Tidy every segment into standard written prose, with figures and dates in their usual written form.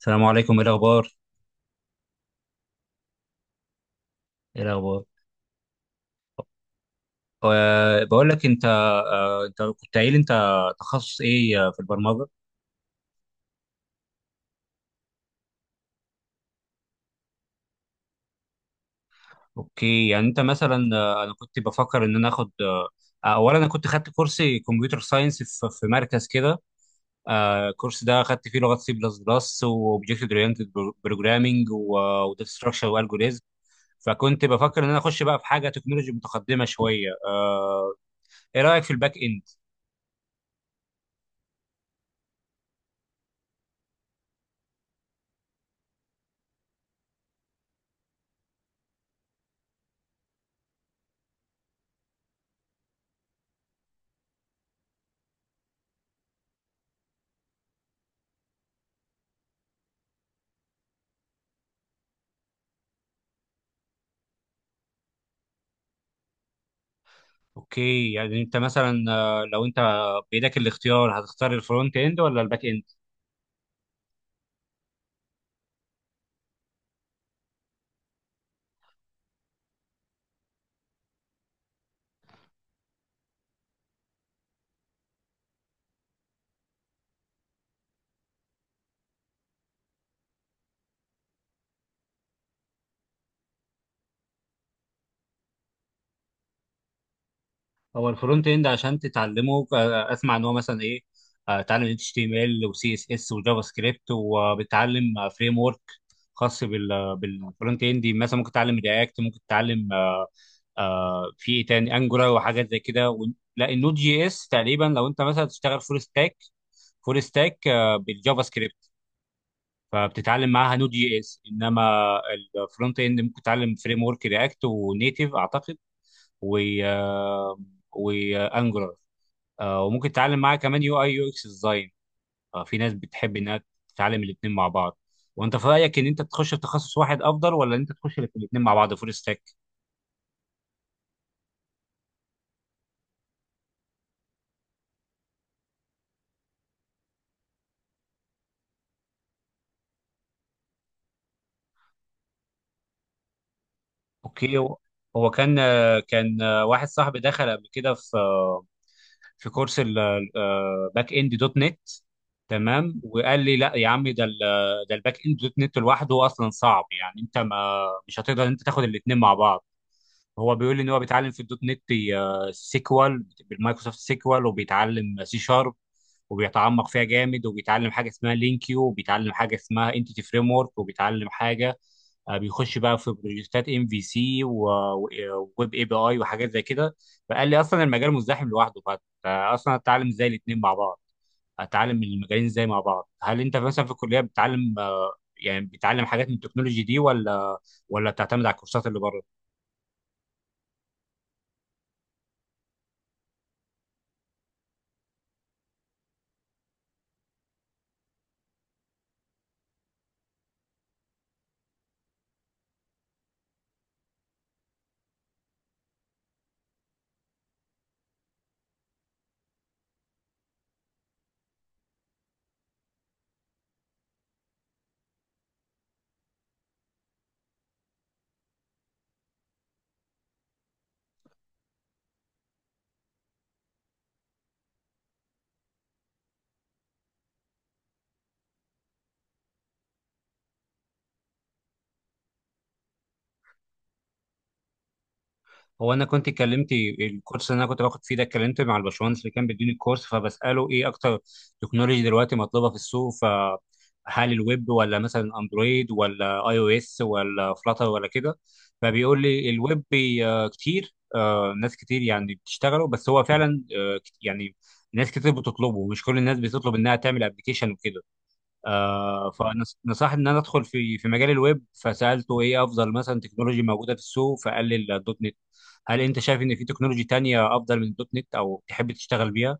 السلام عليكم، ايه الاخبار؟ ايه الاخبار؟ بقول لك انت، انت كنت قايل انت تخصص ايه في البرمجه؟ اوكي، يعني انت مثلا انا كنت بفكر ان انا اخد اولا انا كنت خدت كورس كمبيوتر ساينس في مركز كده. الكورس ده خدت فيه لغات سي بلس بلس واوبجكت اورينتد بروجرامنج وداتا ستراكشر والجوريزم. فكنت بفكر ان انا اخش بقى في حاجه تكنولوجي متقدمه شويه. ايه رايك في الباك اند؟ اوكي، يعني انت مثلا لو انت بايدك الاختيار هتختار الفرونت اند ولا الباك اند؟ هو الفرونت اند عشان تتعلمه اسمع ان هو مثلا ايه، تتعلم اتش تي ام ال وسي اس اس وجافا سكريبت، وبتتعلم فريم ورك خاص بالفرونت اند، مثلا ممكن تتعلم رياكت، ممكن تتعلم في ايه تاني، انجولار وحاجات زي كده لا، النود جي اس تقريبا لو انت مثلا تشتغل فول ستاك، فول ستاك بالجافا سكريبت فبتتعلم معاها نود جي اس. انما الفرونت اند ممكن تتعلم فريم ورك رياكت ونيتيف اعتقد، و وانجولار، وممكن تتعلم معاها كمان يو اي يو اكس ديزاين. في ناس بتحب انها تتعلم الاثنين مع بعض. وانت في رايك ان انت تخش في تخصص واحد افضل، ولا ان انت تخش في الاثنين مع بعض فول ستاك؟ اوكي. هو كان كان واحد صاحبي دخل قبل كده في في كورس الباك اند دوت نت. تمام، وقال لي لا يا عم، ده الباك اند دوت نت لوحده اصلا صعب يعني، انت ما مش هتقدر انت تاخد الاثنين مع بعض. هو بيقول لي ان هو بيتعلم في الدوت نت سيكوال، بالمايكروسوفت سيكوال، وبيتعلم سي شارب وبيتعمق فيها جامد، وبيتعلم حاجه اسمها لينكيو، وبيتعلم حاجه اسمها انتيتي فريم ورك، وبيتعلم حاجه بيخش بقى في بروجكتات ام في سي وويب اي بي اي وحاجات زي كده. فقال لي اصلا المجال مزدحم لوحده، فاصلا اتعلم ازاي الاثنين مع بعض، اتعلم المجالين ازاي مع بعض؟ هل انت مثلا في الكليه بتتعلم يعني بتتعلم حاجات من التكنولوجي دي، ولا بتعتمد على الكورسات اللي بره؟ هو انا كنت اتكلمت، الكورس اللي انا كنت باخد فيه ده اتكلمت مع الباشمهندس اللي كان بيديني الكورس، فبساله ايه اكتر تكنولوجي دلوقتي مطلوبه في السوق، فهل الويب ولا مثلا اندرويد ولا اي او اس ولا فلاتر ولا كده؟ فبيقول لي الويب كتير، ناس كتير يعني بتشتغله، بس هو فعلا يعني ناس كتير بتطلبه، مش كل الناس بتطلب انها تعمل ابلكيشن وكده. آه، فنصحني ان انا ادخل في مجال الويب، فسالته ايه افضل مثلا تكنولوجي موجوده في السوق، فقال لي الدوت نت. هل انت شايف ان في تكنولوجي تانية افضل من الدوت نت، او تحب تشتغل بيها؟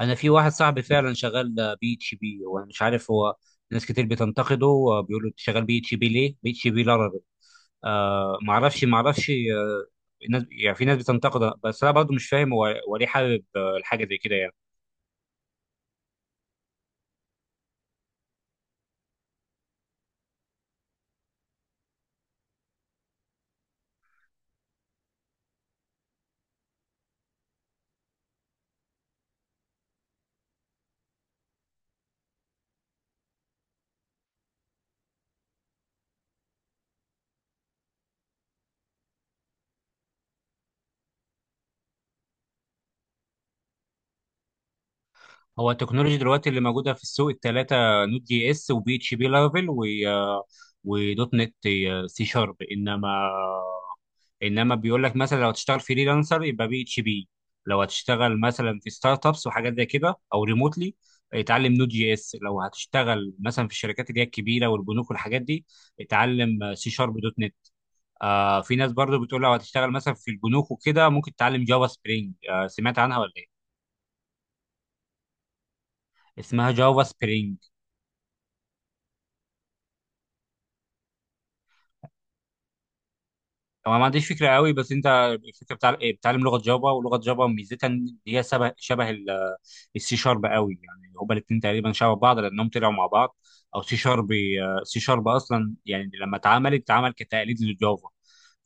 انا في واحد صاحبي فعلا شغال بي اتش بي، وانا مش عارف هو. ناس كتير بتنتقده وبيقولوا انت شغال بي اتش بي ليه، بي اتش بي لارافيل؟ آه معرفش آه. الناس يعني في ناس بتنتقده، بس انا برضه مش فاهم هو ليه حابب الحاجه زي كده يعني. هو التكنولوجيا دلوقتي اللي موجوده في السوق الثلاثه: نوت جي اس، وبي اتش بي لارافيل، ودوت نت سي شارب. انما بيقول لك مثلا لو هتشتغل فريلانسر يبقى بي اتش بي. لو هتشتغل مثلا في ستارت ابس وحاجات زي كده او ريموتلي، اتعلم نوت جي اس. لو هتشتغل مثلا في الشركات اللي هي الكبيره والبنوك والحاجات دي، اتعلم سي شارب دوت نت. آه، في ناس برضو بتقول لو هتشتغل مثلا في البنوك وكده ممكن تتعلم جافا سبرينج. آه، سمعت عنها ولا ايه؟ اسمها جافا سبرينج. هو ما عنديش فكره قوي، بس انت الفكره بتاع بتعلم لغه جافا، ولغه جافا ميزتها ان هي شبه السي شارب قوي، يعني هما الاثنين تقريبا شبه بعض لانهم طلعوا مع بعض، او سي شارب. سي شارب اصلا يعني لما اتعملت، اتعمل كتقليد للجافا،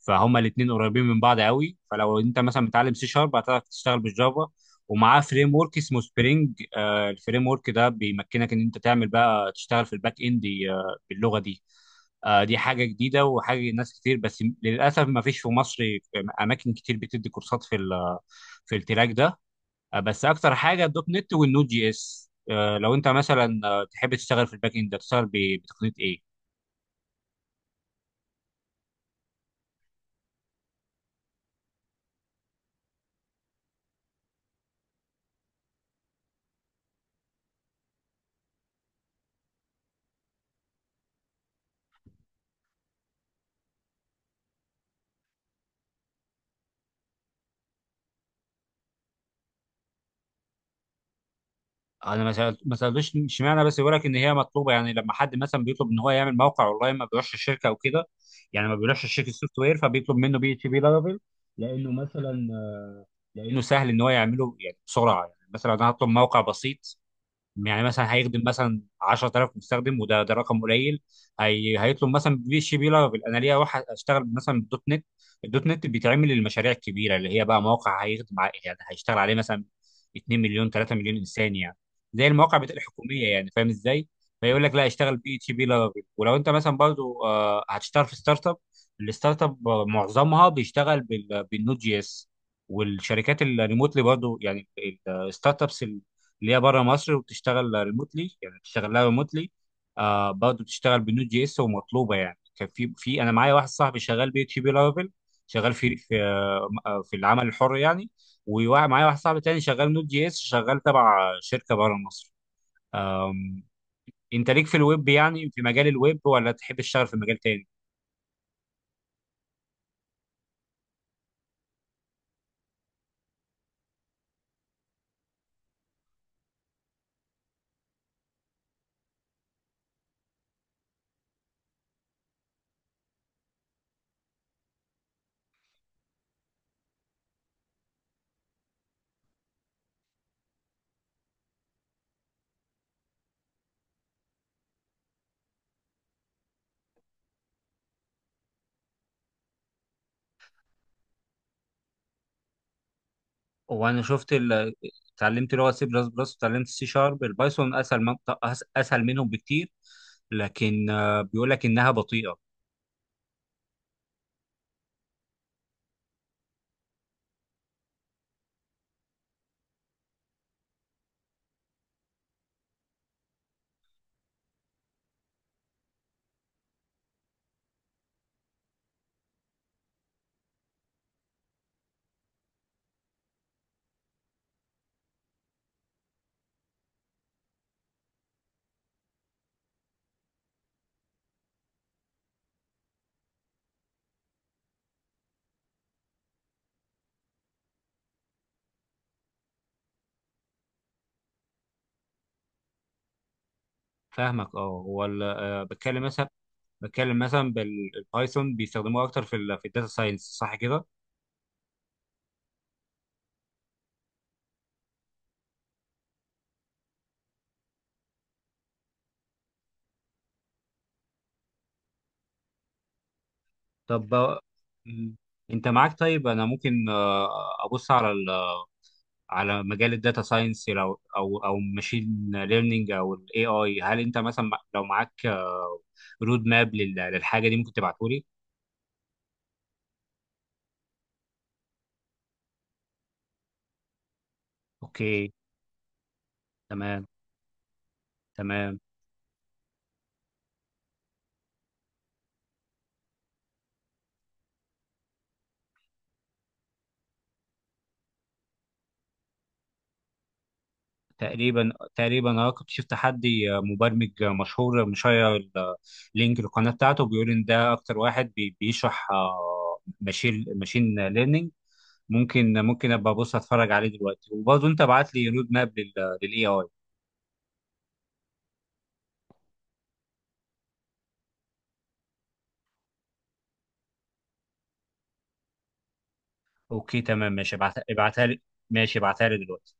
فهما الاثنين قريبين من بعض قوي. فلو انت مثلا متعلم سي شارب هتعرف تشتغل بالجافا، ومعاه فريم ورك اسمه سبرينج. آه، الفريم ورك ده بيمكنك ان انت تعمل بقى تشتغل في الباك اند باللغه دي. آه، دي حاجه جديده وحاجه ناس كتير، بس للاسف ما فيش في مصر اماكن كتير بتدي كورسات في التراك ده. بس اكتر حاجه الدوت نت والنود جي اس. لو انت مثلا تحب تشتغل في الباك اند، تشتغل بتقنيه ايه؟ انا ما سالتش اشمعنى، بس بيقول لك ان هي مطلوبه، يعني لما حد مثلا بيطلب ان هو يعمل موقع اونلاين ما بيروحش الشركه او كده، يعني ما بيروحش الشركه السوفت وير، فبيطلب منه بي اتش بي لارافيل لانه مثلا لانه سهل ان هو يعمله، يعني بسرعه. يعني مثلا انا هطلب موقع بسيط يعني مثلا هيخدم مثلا 10,000 مستخدم، وده رقم قليل. هي هيطلب مثلا في اتش بي لارافيل. انا ليا واحد اشتغل مثلا بالدوت نت. الدوت نت بيتعمل للمشاريع الكبيره، اللي هي بقى مواقع يعني هيشتغل عليه مثلا 2 مليون 3 مليون انسان يعني، زي المواقع بتاع الحكوميه. يعني فاهم ازاي؟ فيقول لك لا، اشتغل بي اتش بي لارافيل. ولو انت مثلا برضو هتشتغل في ستارت اب، الستارت اب معظمها بيشتغل بالنود جي اس. والشركات الريموتلي برضو يعني الستارت ابس اللي هي بره مصر وبتشتغل ريموتلي، يعني بتشتغل لها ريموتلي. آه، برضه بتشتغل بنود جي اس ومطلوبه يعني. كان في في انا معايا واحد صاحبي شغال بي اتش بي لارافيل، شغال في في آه آه، في العمل الحر يعني. ومعايا واحد صاحبي تاني شغال نود جي اس، شغال تبع شركه بره مصر. آم، انت ليك في الويب، يعني في مجال الويب، ولا تحب تشتغل في مجال تاني؟ وانا شفت اتعلمت لغه سي بلس بلس وتعلمت سي شارب. البايثون اسهل اسهل منهم بكتير، لكن بيقول لك انها بطيئه. فاهمك. اه، هو ال- آه، بتكلم مثلا، بالبايثون بيستخدموه اكتر في الداتا ساينس، صح كده؟ طب مم. انت معاك؟ طيب انا ممكن ابص على مجال الداتا ساينس، لو او ماشين ليرنينج او الاي اي. هل انت مثلا لو معاك رود ماب للحاجه دي، ممكن تبعته لي؟ اوكي، تمام. تمام تقريبا انا كنت شفت حد مبرمج مشهور، مشير لينك القناه بتاعته، بيقول ان ده اكتر واحد بيشرح ماشين ليرنينج. ممكن ابقى ابص اتفرج عليه دلوقتي، وبرضه انت ابعت لي رود ماب للاي اي. اوكي تمام ماشي، ابعتها لي. ماشي، ابعتها لي دلوقتي.